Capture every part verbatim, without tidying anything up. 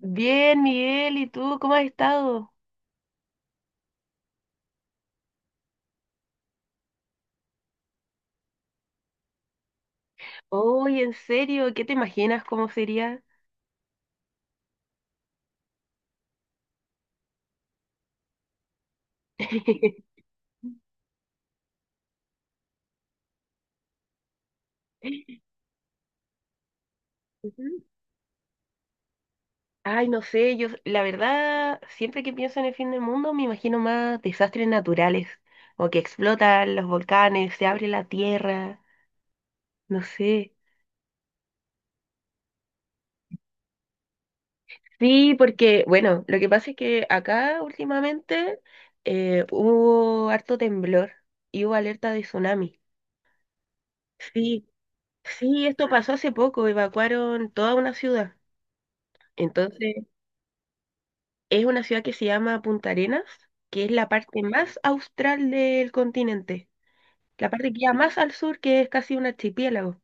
Bien, Miguel, ¿y tú cómo has estado? Oye, en serio, ¿qué te imaginas cómo sería? Ujú. Ay, no sé, yo la verdad, siempre que pienso en el fin del mundo me imagino más desastres naturales, o que explotan los volcanes, se abre la tierra, no sé. Sí, porque, bueno, lo que pasa es que acá últimamente eh, hubo harto temblor y hubo alerta de tsunami. Sí, sí, esto pasó hace poco, evacuaron toda una ciudad. Entonces, es una ciudad que se llama Punta Arenas, que es la parte más austral del continente, la parte que queda más al sur, que es casi un archipiélago.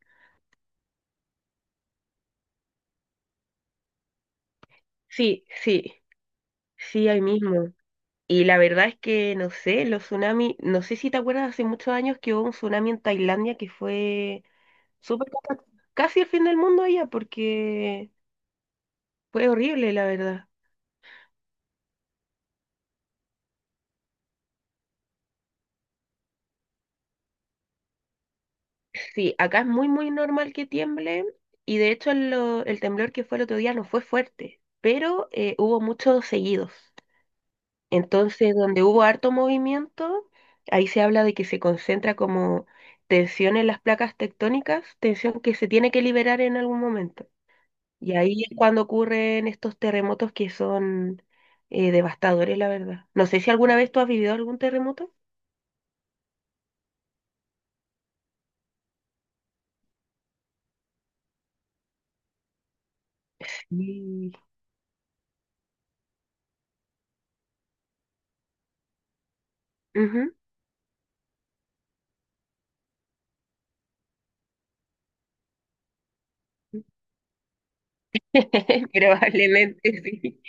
Sí, sí, sí, ahí mismo. Y la verdad es que, no sé, los tsunamis, no sé si te acuerdas, hace muchos años que hubo un tsunami en Tailandia que fue súper cata- casi el fin del mundo allá, porque fue horrible, la verdad. Sí, acá es muy, muy normal que tiemble y de hecho el, lo- el temblor que fue el otro día no fue fuerte, pero eh, hubo muchos seguidos. Entonces, donde hubo harto movimiento, ahí se habla de que se concentra como tensión en las placas tectónicas, tensión que se tiene que liberar en algún momento. Y ahí es cuando ocurren estos terremotos que son eh, devastadores, la verdad. No sé si alguna vez tú has vivido algún terremoto. Sí. Ujú. Probablemente sí.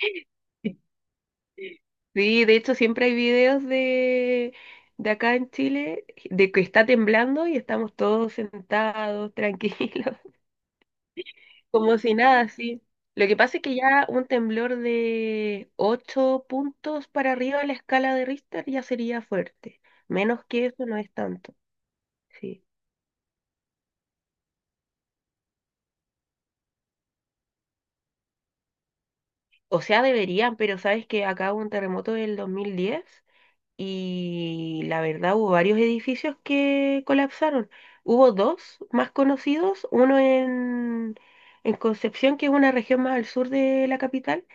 Sí, de hecho siempre hay videos de, de acá en Chile de que está temblando y estamos todos sentados, tranquilos, como si nada, sí. Lo que pasa es que ya un temblor de ocho puntos para arriba de la escala de Richter ya sería fuerte. Menos que eso no es tanto, sí. O sea, deberían, pero sabes que acá hubo un terremoto del dos mil diez. Y la verdad hubo varios edificios que colapsaron. Hubo dos más conocidos, uno en, en Concepción, que es una región más al sur de la capital,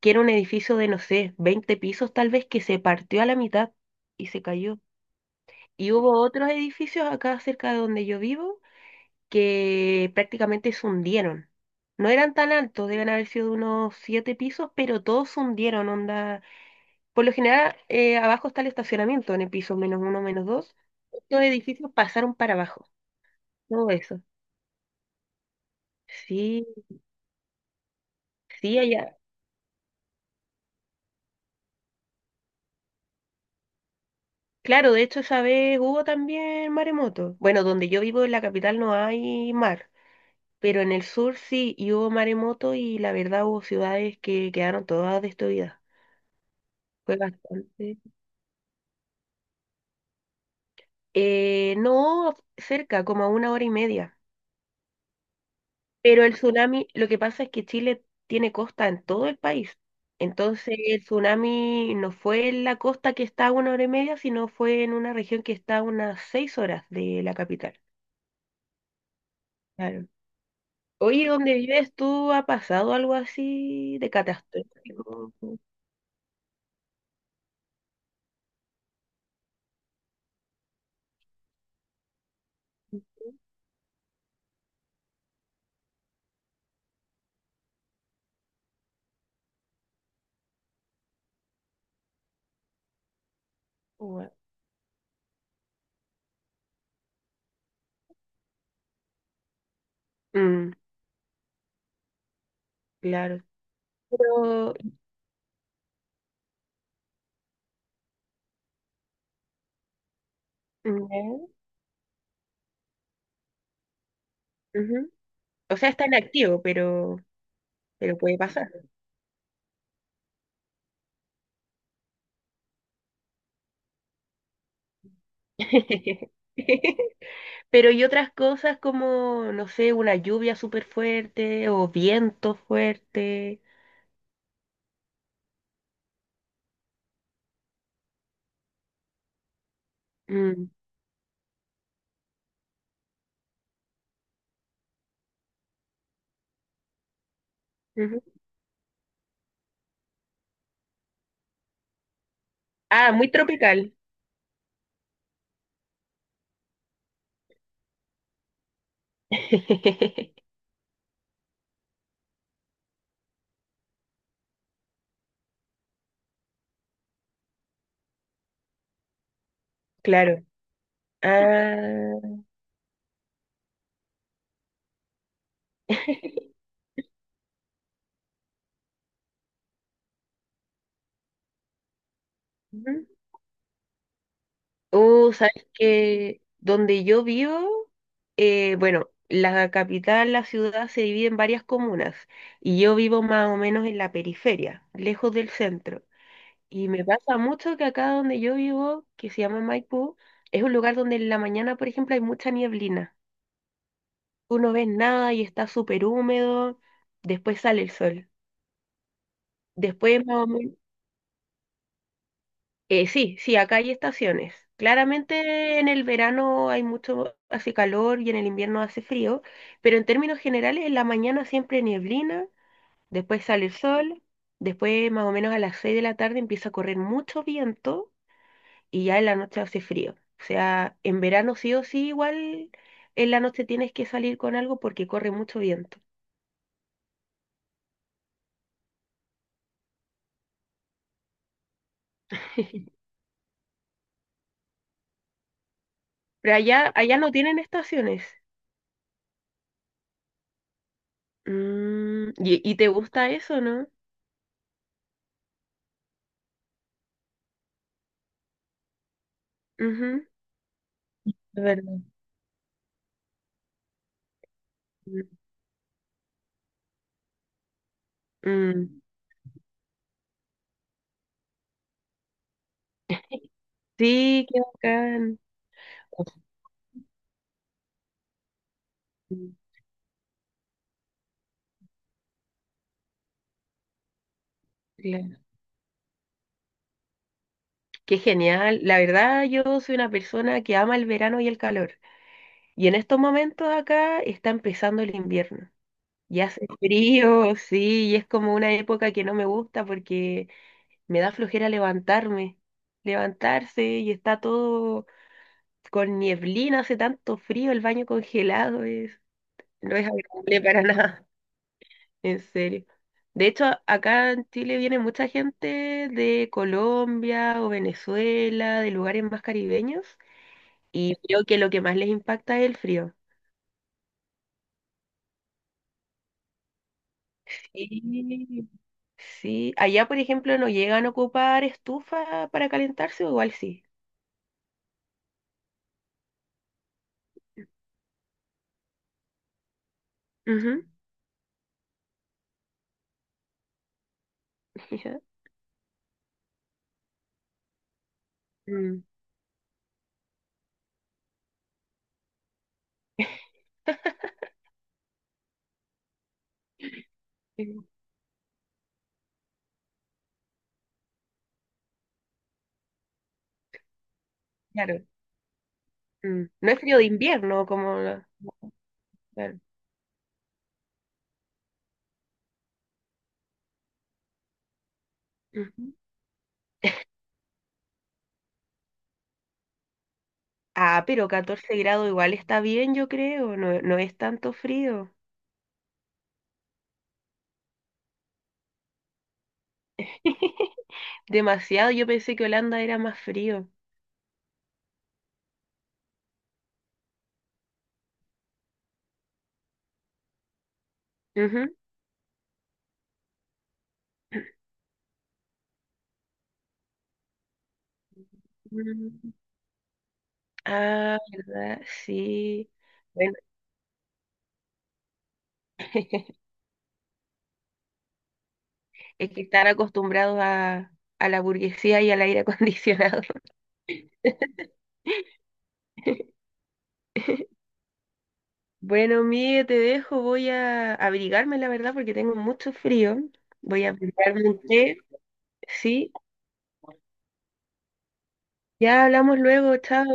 que era un edificio de, no sé, veinte pisos tal vez, que se partió a la mitad y se cayó. Y hubo otros edificios acá cerca de donde yo vivo que prácticamente se hundieron. No eran tan altos, deben haber sido unos siete pisos, pero todos se hundieron, onda. Por lo general, eh, abajo está el estacionamiento en el piso menos uno, menos dos. Estos edificios pasaron para abajo. Todo eso. Sí, sí, allá. Claro, de hecho, esa vez hubo también maremoto. Bueno, donde yo vivo en la capital no hay mar, pero en el sur sí, y hubo maremoto y la verdad hubo ciudades que quedaron todas destruidas. Fue bastante. Eh, no cerca, como a una hora y media. Pero el tsunami, lo que pasa es que Chile tiene costa en todo el país. Entonces el tsunami no fue en la costa que está a una hora y media, sino fue en una región que está a unas seis horas de la capital. Claro. Oye, ¿dónde vives tú? ¿Ha pasado algo así de catastrófico? Ua- Mm, claro. Pero, mm, ya, ujú. O sea, está en activo, pero, pero puede pasar. Pero y otras cosas como, no sé, una lluvia súper fuerte o viento fuerte. Mm, ujú. Ah, muy tropical. Claro. Ah, ujú. Uh, sabes que donde yo vivo, eh, bueno, la capital, la ciudad se divide en varias comunas y yo vivo más o menos en la periferia, lejos del centro. Y me pasa mucho que acá donde yo vivo, que se llama Maipú, es un lugar donde en la mañana, por ejemplo, hay mucha nieblina. Tú no ves nada y está súper húmedo, después sale el sol. Después, más o men- eh, Sí, sí, acá hay estaciones. Claramente en el verano hay mucho, hace calor y en el invierno hace frío, pero en términos generales en la mañana siempre nieblina, después sale el sol, después más o menos a las seis de la tarde empieza a correr mucho viento y ya en la noche hace frío. O sea, en verano sí o sí, igual en la noche tienes que salir con algo porque corre mucho viento. Pero allá, allá no tienen estaciones. Mm, y, y te gusta eso, no. Ujú. De verdad. Mm, mm. Sí, qué bacán. Mm, claro. Qué genial. La verdad, yo soy una persona que ama el verano y el calor. Y en estos momentos acá está empezando el invierno. Y hace frío, sí, y es como una época que no me gusta porque me da flojera levantarme, levantarse y está todo con nieblina, hace tanto frío, el baño congelado es, no es agradable para nada, en serio. De hecho, acá en Chile viene mucha gente de Colombia o Venezuela, de lugares más caribeños, y creo que lo que más les impacta es el frío. Sí, sí, allá por ejemplo no llegan a ocupar estufa para calentarse o igual sí. Ujú. Ya. Mm. Mm, claro. Mm. No es frío de invierno como... la- Claro. Ujú. Ah, pero catorce grados igual está bien, yo creo. No, no es tanto frío. Demasiado, yo pensé que Holanda era más frío. Ujú. Mm. Ah, ¿verdad? Sí. Bueno, es que están acostumbrados a, a la burguesía y al aire acondicionado. Bueno, Miguel, te dejo. Voy a abrigarme, la verdad, porque tengo mucho frío. Voy a abrigarme un té. Sí, ya hablamos luego. Chao.